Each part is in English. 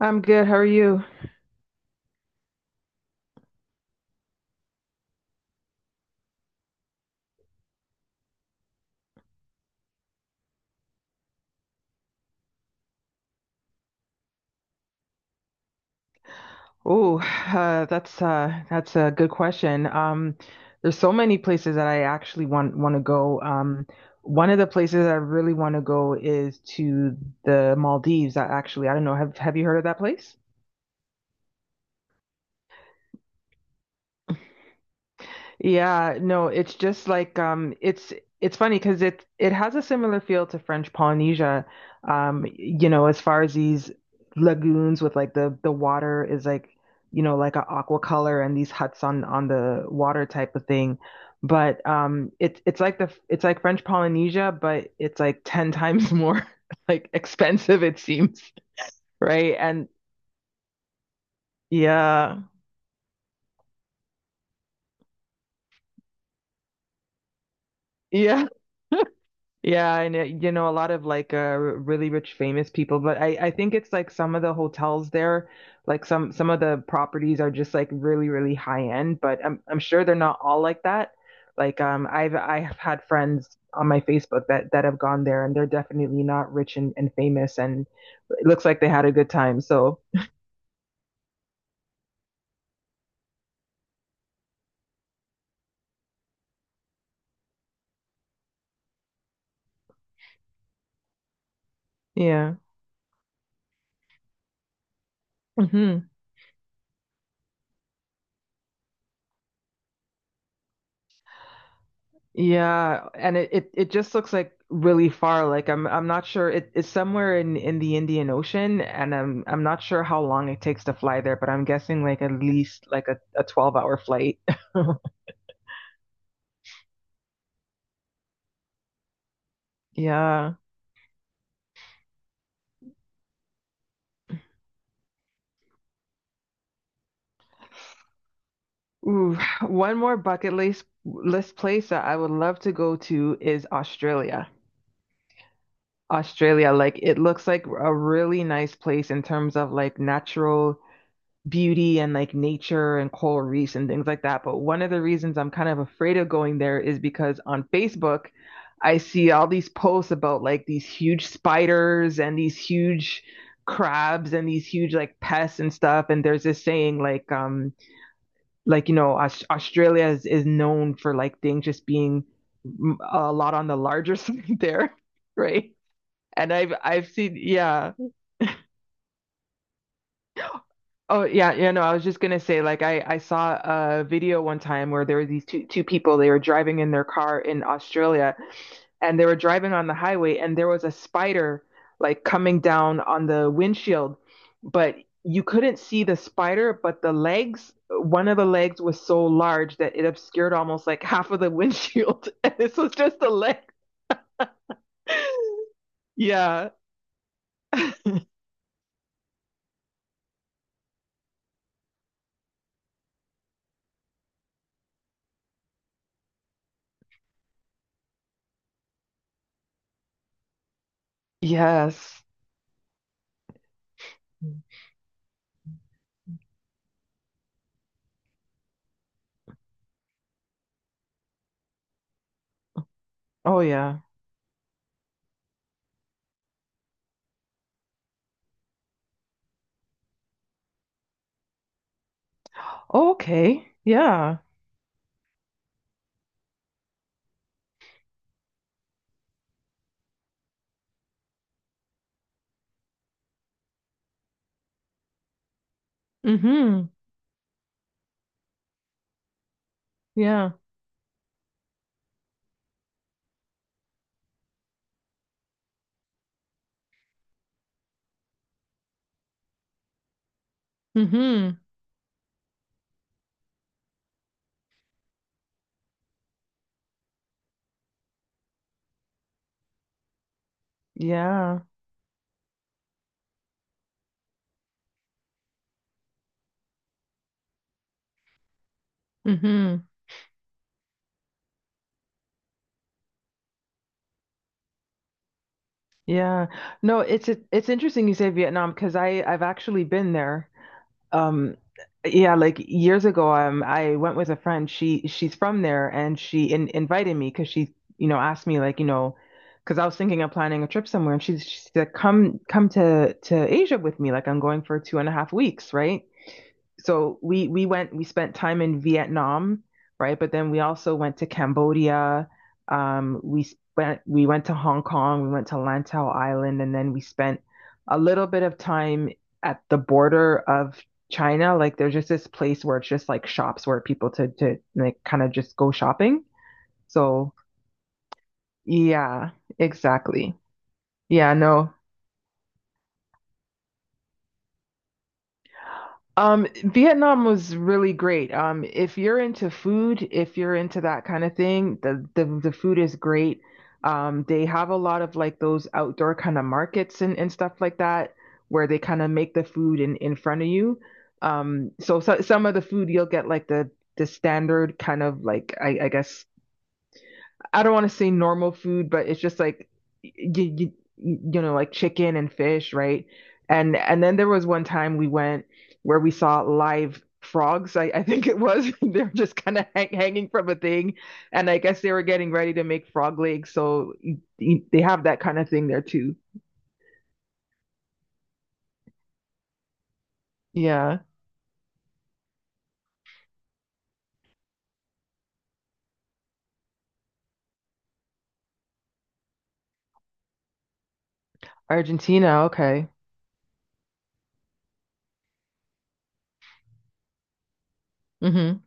I'm good. How are you? Oh, that's a good question. There's so many places that I actually want to go. One of the places I really want to go is to the Maldives. I actually, I don't know. Have you heard of that place? Yeah, no, it's just like it's funny because it has a similar feel to French Polynesia, you know, as far as these lagoons with like the water is like, you know, like an aqua color and these huts on the water type of thing. But it's like the it's like French Polynesia, but it's like 10 times more like expensive it seems, right? And yeah. Yeah. Yeah, and it, you know, a lot of like really rich famous people, but I think it's like some of the hotels there, like some of the properties are just like really high end, but I'm sure they're not all like that. Like I've had friends on my Facebook that have gone there and they're definitely not rich and famous and it looks like they had a good time. So, yeah. Mhm. Yeah, it just looks like really far. Like I'm not sure it's somewhere in the Indian Ocean, and I'm not sure how long it takes to fly there, but I'm guessing like at least like a 12-hour flight. Yeah. Ooh, one more bucket list place that I would love to go to is Australia. Australia, like it looks like a really nice place in terms of like natural beauty and like nature and coral reefs and things like that. But one of the reasons I'm kind of afraid of going there is because on Facebook, I see all these posts about like these huge spiders and these huge crabs and these huge like pests and stuff. And there's this saying like you know, Australia is known for like things just being a lot on the larger side there, right? And I've seen, yeah. Oh yeah, yeah, no, I was just gonna say, like I saw a video one time where there were these two people, they were driving in their car in Australia and they were driving on the highway and there was a spider like coming down on the windshield, but you couldn't see the spider, but the legs, one of the legs was so large that it obscured almost like half of the windshield. And this was just the leg. Yeah. Yes. Oh yeah. Oh, okay. Yeah. Mm-hmm. Yeah. Mm-hmm. Yeah. Hmm. Yeah. No, it's interesting you say Vietnam because I've actually been there. Um yeah, like years ago I went with a friend. She's from there and she invited me because she, you know, asked me like, you know, because I was thinking of planning a trip somewhere and she said come to Asia with me like I'm going for 2.5 weeks, right? So we went we spent time in Vietnam, right? But then we also went to Cambodia. We went to Hong Kong, we went to Lantau Island, and then we spent a little bit of time at the border of China. Like there's just this place where it's just like shops where people to like kind of just go shopping. So yeah, exactly. Yeah, no, Vietnam was really great. If you're into food, if you're into that kind of thing, the food is great. They have a lot of like those outdoor kind of markets and stuff like that where they kind of make the food in front of you. So some of the food you'll get like the standard kind of like I guess I don't want to say normal food, but it's just like you, you you know like chicken and fish, right? And then there was one time we went where we saw live frogs. I think it was they're just kind of hanging from a thing, and I guess they were getting ready to make frog legs, so they have that kind of thing there too. Yeah, Argentina. Okay. Mm-hmm.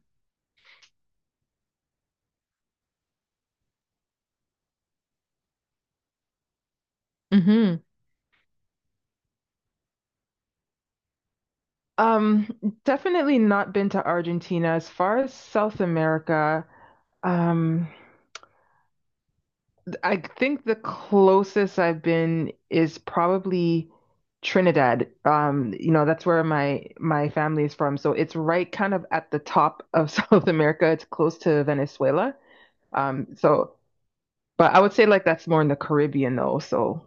Mm-hmm. Um, Definitely not been to Argentina. As far as South America, um, I think the closest I've been is probably Trinidad. You know, that's where my family is from. So it's right kind of at the top of South America. It's close to Venezuela. Um, so but I would say like that's more in the Caribbean though. So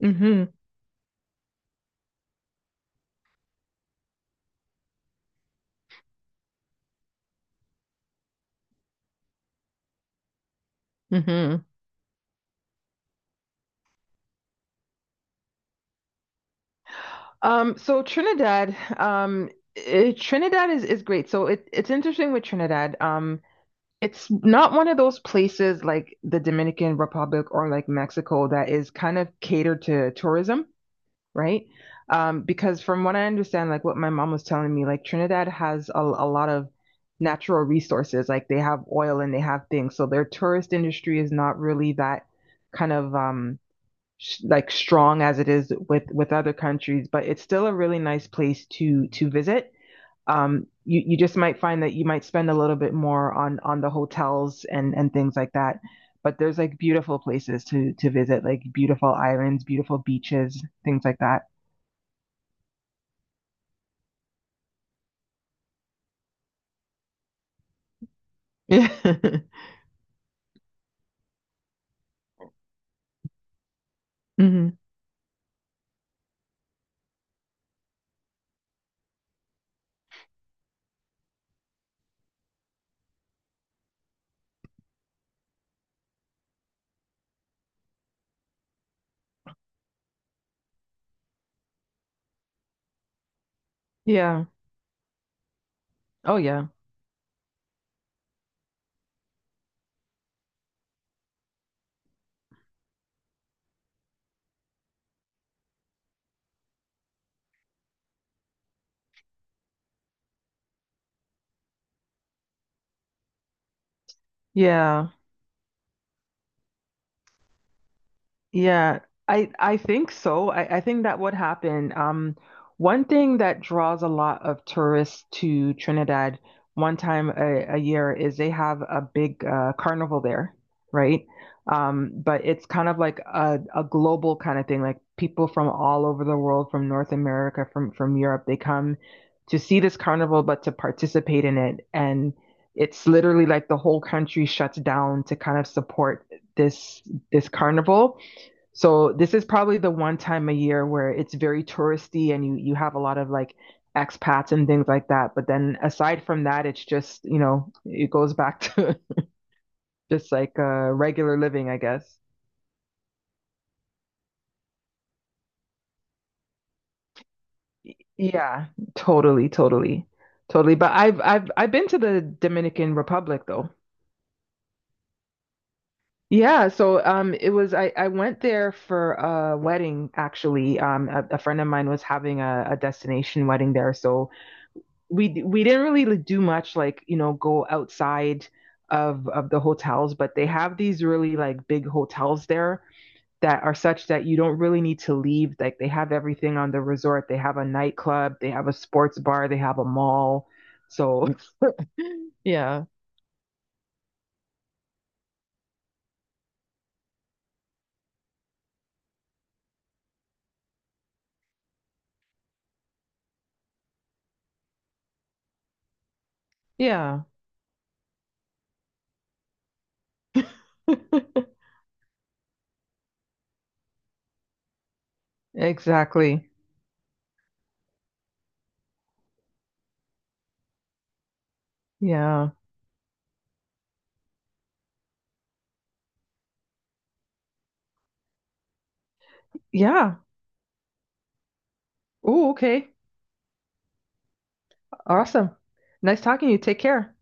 hmm. Hmm. Trinidad, Trinidad is great. So it's interesting with Trinidad. It's not one of those places like the Dominican Republic or like Mexico that is kind of catered to tourism, right? Because from what I understand, like what my mom was telling me, like Trinidad has a lot of natural resources. Like they have oil and they have things. So their tourist industry is not really that kind of sh like strong as it is with other countries, but it's still a really nice place to visit, you you just might find that you might spend a little bit more on the hotels and things like that. But there's like beautiful places to visit, like beautiful islands, beautiful beaches, things like that. Hmm. Yeah. Oh yeah. Yeah. Yeah, I think so. I think that would happen. One thing that draws a lot of tourists to Trinidad one time a year is they have a big carnival there, right? But it's kind of like a global kind of thing. Like people from all over the world, from North America, from Europe, they come to see this carnival, but to participate in it. And it's literally like the whole country shuts down to kind of support this this carnival. So this is probably the one time a year where it's very touristy and you have a lot of like expats and things like that. But then aside from that, it's just, you know, it goes back to just like regular living, I guess. Yeah, totally, totally. Totally. But I've been to the Dominican Republic though. Yeah, so it was I went there for a wedding actually. A friend of mine was having a destination wedding there, so we didn't really do much like you know go outside of the hotels, but they have these really like big hotels there that are such that you don't really need to leave. Like they have everything on the resort, they have a nightclub, they have a sports bar, they have a mall. So yeah. Yeah. Exactly. Yeah. Yeah. Oh, okay. Awesome. Nice talking to you. Take care.